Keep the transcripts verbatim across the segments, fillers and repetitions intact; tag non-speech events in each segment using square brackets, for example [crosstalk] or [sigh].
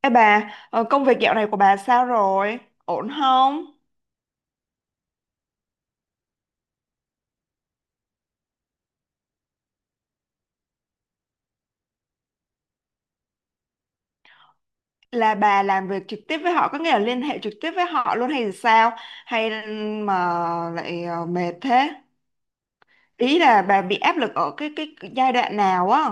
Ê bà, ờ, công việc dạo này của bà sao rồi? Ổn không? Là bà làm việc trực tiếp với họ, có nghĩa là liên hệ trực tiếp với họ luôn hay sao? Hay mà lại ờ, mệt thế? Ý là bà bị áp lực ở cái cái giai đoạn nào á?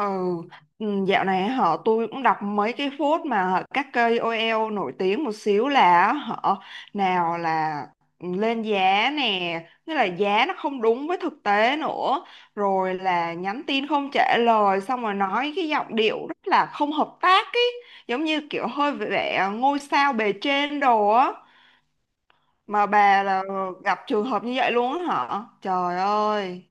Ừ, ừ, dạo này họ tôi cũng đọc mấy cái phốt mà các cây K O L nổi tiếng một xíu là họ nào là lên giá nè, nghĩa là giá nó không đúng với thực tế nữa, rồi là nhắn tin không trả lời xong rồi nói cái giọng điệu rất là không hợp tác ấy, giống như kiểu hơi vẻ ngôi sao bề trên đồ á, mà bà là gặp trường hợp như vậy luôn á hả? Trời ơi,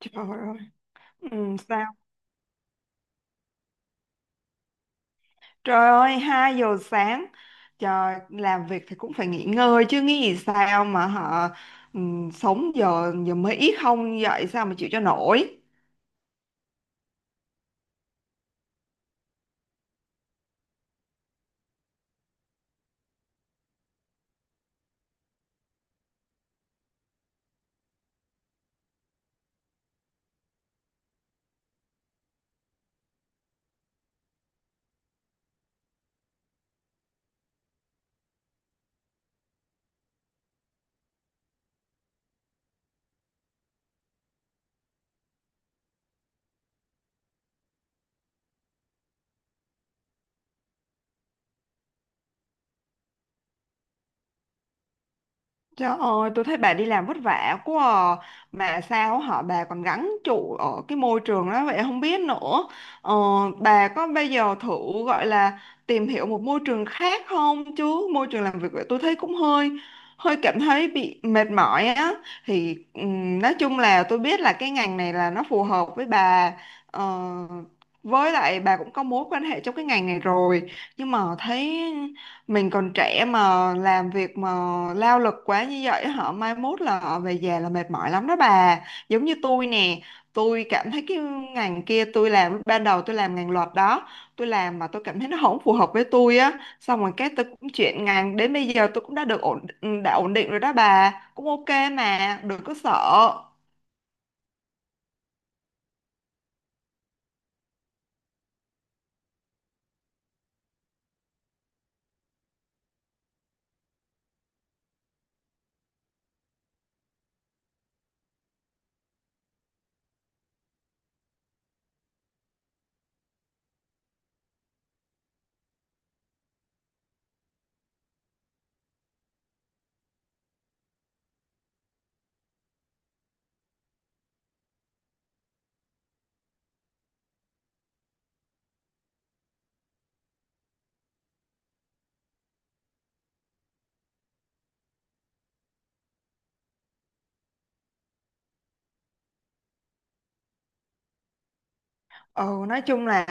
trời ơi. Ừ, sao? Trời ơi, hai giờ sáng. Trời, làm việc thì cũng phải nghỉ ngơi chứ nghĩ gì sao mà họ ừm, sống giờ giờ mới ít không dậy sao mà chịu cho nổi. Trời ơi, tôi thấy bà đi làm vất vả quá à. Mà sao họ bà còn gắng trụ ở cái môi trường đó vậy không biết nữa. Ờ, bà có bây giờ thử gọi là tìm hiểu một môi trường khác không chứ? Môi trường làm việc vậy tôi thấy cũng hơi hơi cảm thấy bị mệt mỏi á. Thì ừm, nói chung là tôi biết là cái ngành này là nó phù hợp với bà. Ờ, với lại bà cũng có mối quan hệ trong cái ngành này rồi. Nhưng mà thấy mình còn trẻ mà làm việc mà lao lực quá như vậy họ mai mốt là họ về già là mệt mỏi lắm đó bà, giống như tôi nè. Tôi cảm thấy cái ngành kia, tôi làm lúc ban đầu tôi làm ngành luật đó, tôi làm mà tôi cảm thấy nó không phù hợp với tôi á, xong rồi cái tôi cũng chuyển ngành, đến bây giờ tôi cũng đã được ổn, đã ổn định rồi đó bà, cũng ok mà đừng có sợ. Ừ, nói chung là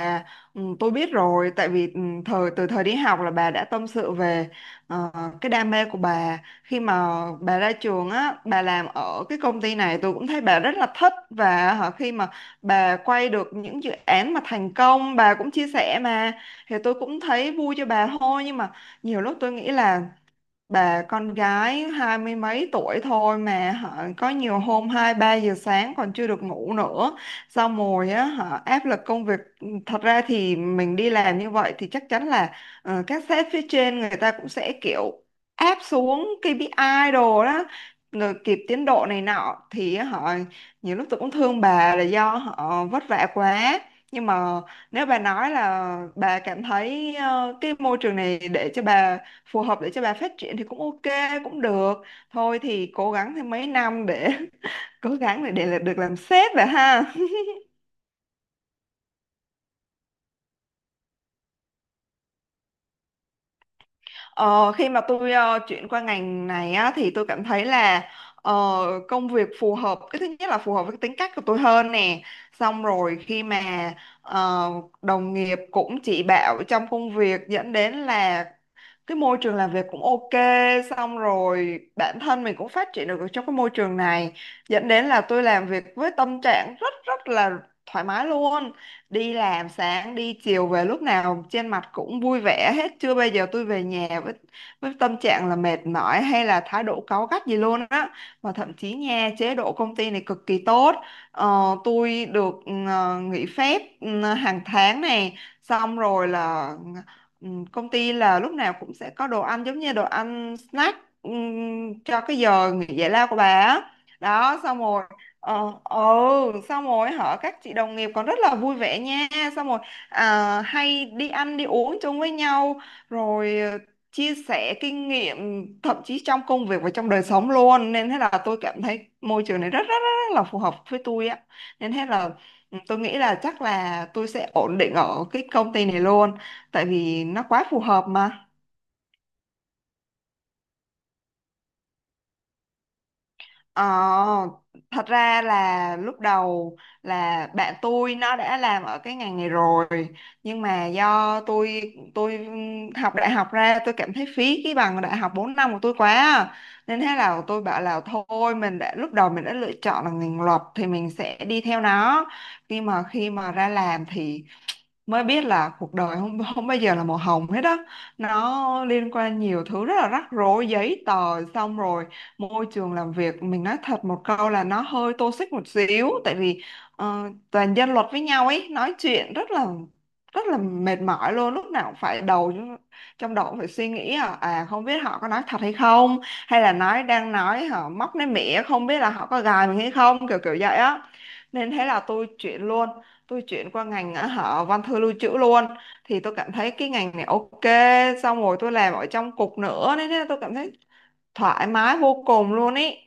ừ, tôi biết rồi tại vì ừ, thời từ thời đi học là bà đã tâm sự về ờ, cái đam mê của bà, khi mà bà ra trường á bà làm ở cái công ty này tôi cũng thấy bà rất là thích, và hả, khi mà bà quay được những dự án mà thành công bà cũng chia sẻ mà, thì tôi cũng thấy vui cho bà thôi. Nhưng mà nhiều lúc tôi nghĩ là bà con gái hai mươi mấy tuổi thôi mà họ có nhiều hôm hai ba giờ sáng còn chưa được ngủ nữa, xong rồi á họ áp lực công việc. ừ, Thật ra thì mình đi làm như vậy thì chắc chắn là ờ, các sếp phía trên người ta cũng sẽ kiểu áp xuống kê pi ai đồ đó, rồi kịp tiến độ này nọ thì họ nhiều lúc tôi cũng thương bà là do họ vất vả quá. Nhưng mà nếu bà nói là bà cảm thấy ờ, cái môi trường này để cho bà phù hợp để cho bà phát triển thì cũng ok, cũng được thôi, thì cố gắng thêm mấy năm để [laughs] cố gắng để, để là- được làm sếp vậy ha. ờ, Khi mà tôi ờ, chuyển qua ngành này á, thì tôi cảm thấy là ờ, công việc phù hợp, cái thứ nhất là phù hợp với cái tính cách của tôi hơn nè, xong rồi khi mà ờ, đồng nghiệp cũng chỉ bảo trong công việc dẫn đến là cái môi trường làm việc cũng ok, xong rồi bản thân mình cũng phát triển được ở trong cái môi trường này, dẫn đến là tôi làm việc với tâm trạng rất rất là thoải mái luôn. Đi làm sáng đi chiều về lúc nào trên mặt cũng vui vẻ hết, chưa bao giờ tôi về nhà với với tâm trạng là mệt mỏi hay là thái độ cáu gắt gì luôn á, mà thậm chí nha chế độ công ty này cực kỳ tốt. Ờ, tôi được ừ, nghỉ phép ừ, hàng tháng này, xong rồi là, ừ, công ty là lúc nào cũng sẽ có đồ ăn, giống như đồ ăn snack ừm, cho cái giờ nghỉ giải lao của bà á. Đó, xong rồi ờ ừ xong rồi hả các chị đồng nghiệp còn rất là vui vẻ nha, xong rồi à, hay đi ăn đi uống chung với nhau, rồi ờ, chia sẻ kinh nghiệm thậm chí trong công việc và trong đời sống luôn, nên thế là tôi cảm thấy môi trường này rất rất rất, rất là phù hợp với tôi á, nên thế là ừ, tôi nghĩ là chắc là tôi sẽ ổn định ở cái công ty này luôn tại vì nó quá phù hợp mà. Ờ, thật ra là lúc đầu là bạn tôi nó đã làm ở cái ngành này rồi, nhưng mà do tôi tôi học đại học ra tôi cảm thấy phí cái bằng đại học bốn năm của tôi quá à, nên thế là tôi bảo là thôi mình đã lúc đầu mình đã lựa chọn là ngành luật thì mình sẽ đi theo nó. Nhưng mà khi mà ra làm thì mới biết là cuộc đời không không bao giờ là màu hồng hết đó, nó liên quan nhiều thứ rất là rắc rối giấy tờ, xong rồi môi trường làm việc mình nói thật một câu là nó hơi toxic một xíu, tại vì ờ, toàn dân luật với nhau ấy, nói chuyện rất là rất là mệt mỏi luôn, lúc nào cũng phải đầu trong đầu cũng phải suy nghĩ à, à không biết họ có nói thật hay không, hay là nói đang nói họ móc nói mỉa, không biết là họ có gài mình hay không, kiểu kiểu vậy á, nên thế là tôi chuyển luôn, tôi chuyển qua ngành á, họ văn thư lưu trữ luôn, thì tôi cảm thấy cái ngành này ok, xong rồi tôi làm ở trong cục nữa nên thế tôi cảm thấy thoải mái vô cùng luôn ý.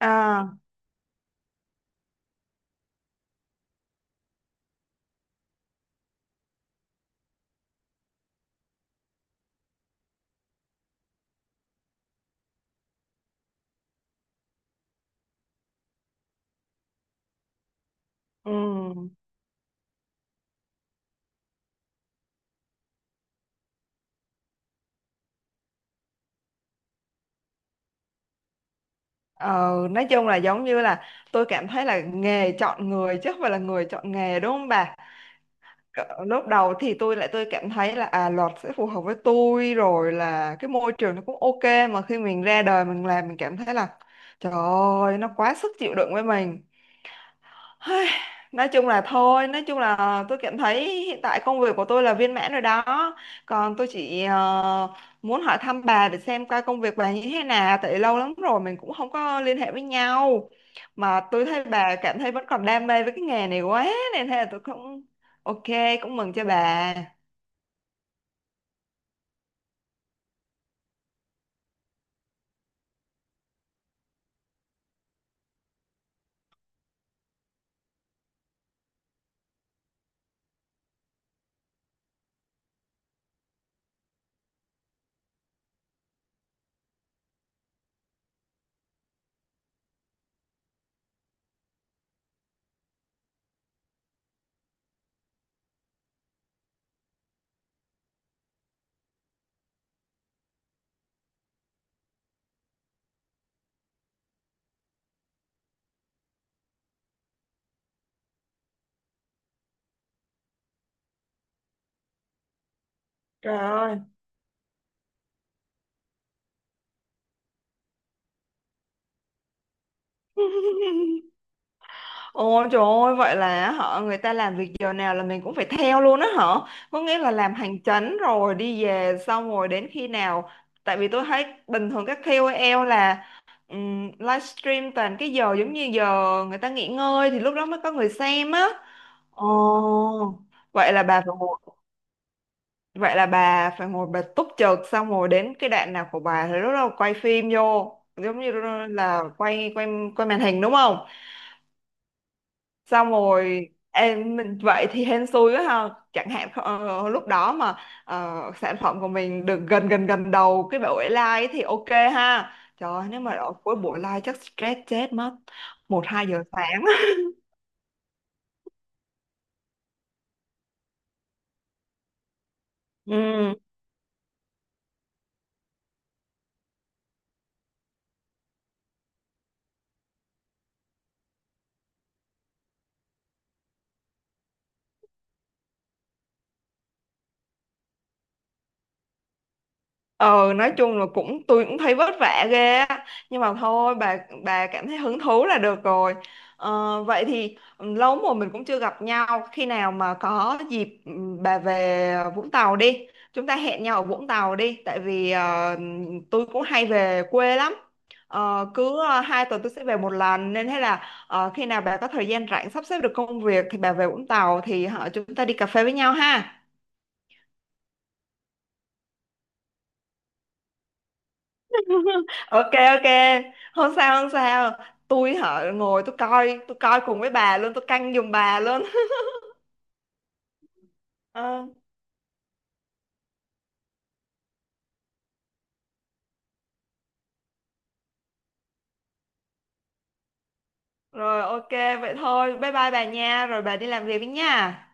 À, ừ. ờ, nói chung là giống như là tôi cảm thấy là nghề chọn người chứ không phải là người chọn nghề, đúng không bà? Cỡ- lúc đầu thì tôi lại tôi cảm thấy là à luật sẽ phù hợp với tôi rồi, là cái môi trường nó cũng ok, mà khi mình ra đời mình làm mình cảm thấy là trời ơi nó quá sức chịu đựng với mình. Hây, nói chung là thôi, nói chung là tôi cảm thấy hiện tại công việc của tôi là viên mãn rồi đó. Còn tôi chỉ ờ, muốn hỏi thăm bà để xem coi công việc bà như thế nào, tại lâu lắm rồi mình cũng không có liên hệ với nhau. Mà tôi thấy bà cảm thấy vẫn còn đam mê với cái nghề này quá, nên thế là tôi cũng ok, cũng mừng cho bà. Trời ơi. Ôi trời ơi, vậy là họ người ta làm việc giờ nào là mình cũng phải theo luôn á hả? Có nghĩa là làm hành chánh rồi đi về xong rồi đến khi nào? Tại vì tôi thấy bình thường các K O L là um, livestream toàn cái giờ giống như giờ người ta nghỉ ngơi thì lúc đó mới có người xem á. Ồ, vậy là bà phải ngồi, vậy là bà phải ngồi bà túc trực, xong rồi đến cái đoạn nào của bà thì lúc đó quay phim vô, giống như là quay quay quay màn hình, đúng không? Xong rồi em mình vậy thì hên xui quá ha, chẳng hạn ờ, lúc đó mà ờ, sản phẩm của mình được gần gần gần đầu cái buổi live ấy thì ok ha. Trời ơi, nếu mà ở cuối buổi live chắc stress chết mất. Một hai giờ sáng. [laughs] Ừ. ờ nói chung là cũng tôi cũng thấy vất vả ghê á, nhưng mà thôi bà bà cảm thấy hứng thú là được rồi. Ờ, vậy thì ừ, lâu lắm rồi mình cũng chưa gặp nhau, khi nào mà có dịp ừ, bà về Vũng Tàu đi, chúng ta hẹn nhau ở Vũng Tàu đi tại vì ờ, tôi cũng hay về quê lắm. Ờ, cứ ờ, hai tuần tôi sẽ về một lần, nên thế là ờ, khi nào bà có thời gian rảnh sắp xếp được công việc thì bà về Vũng Tàu, thì họ chúng ta đi cà phê với nhau ha. Ok, ok, không sao không sao, tôi hả ngồi tôi coi, tôi coi cùng với bà luôn, tôi canh giùm bà luôn. [laughs] Ờ, rồi ok, vậy thôi bye bye bà nha, rồi bà đi làm việc đi nha.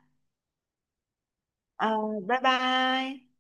Ờ, bye bye.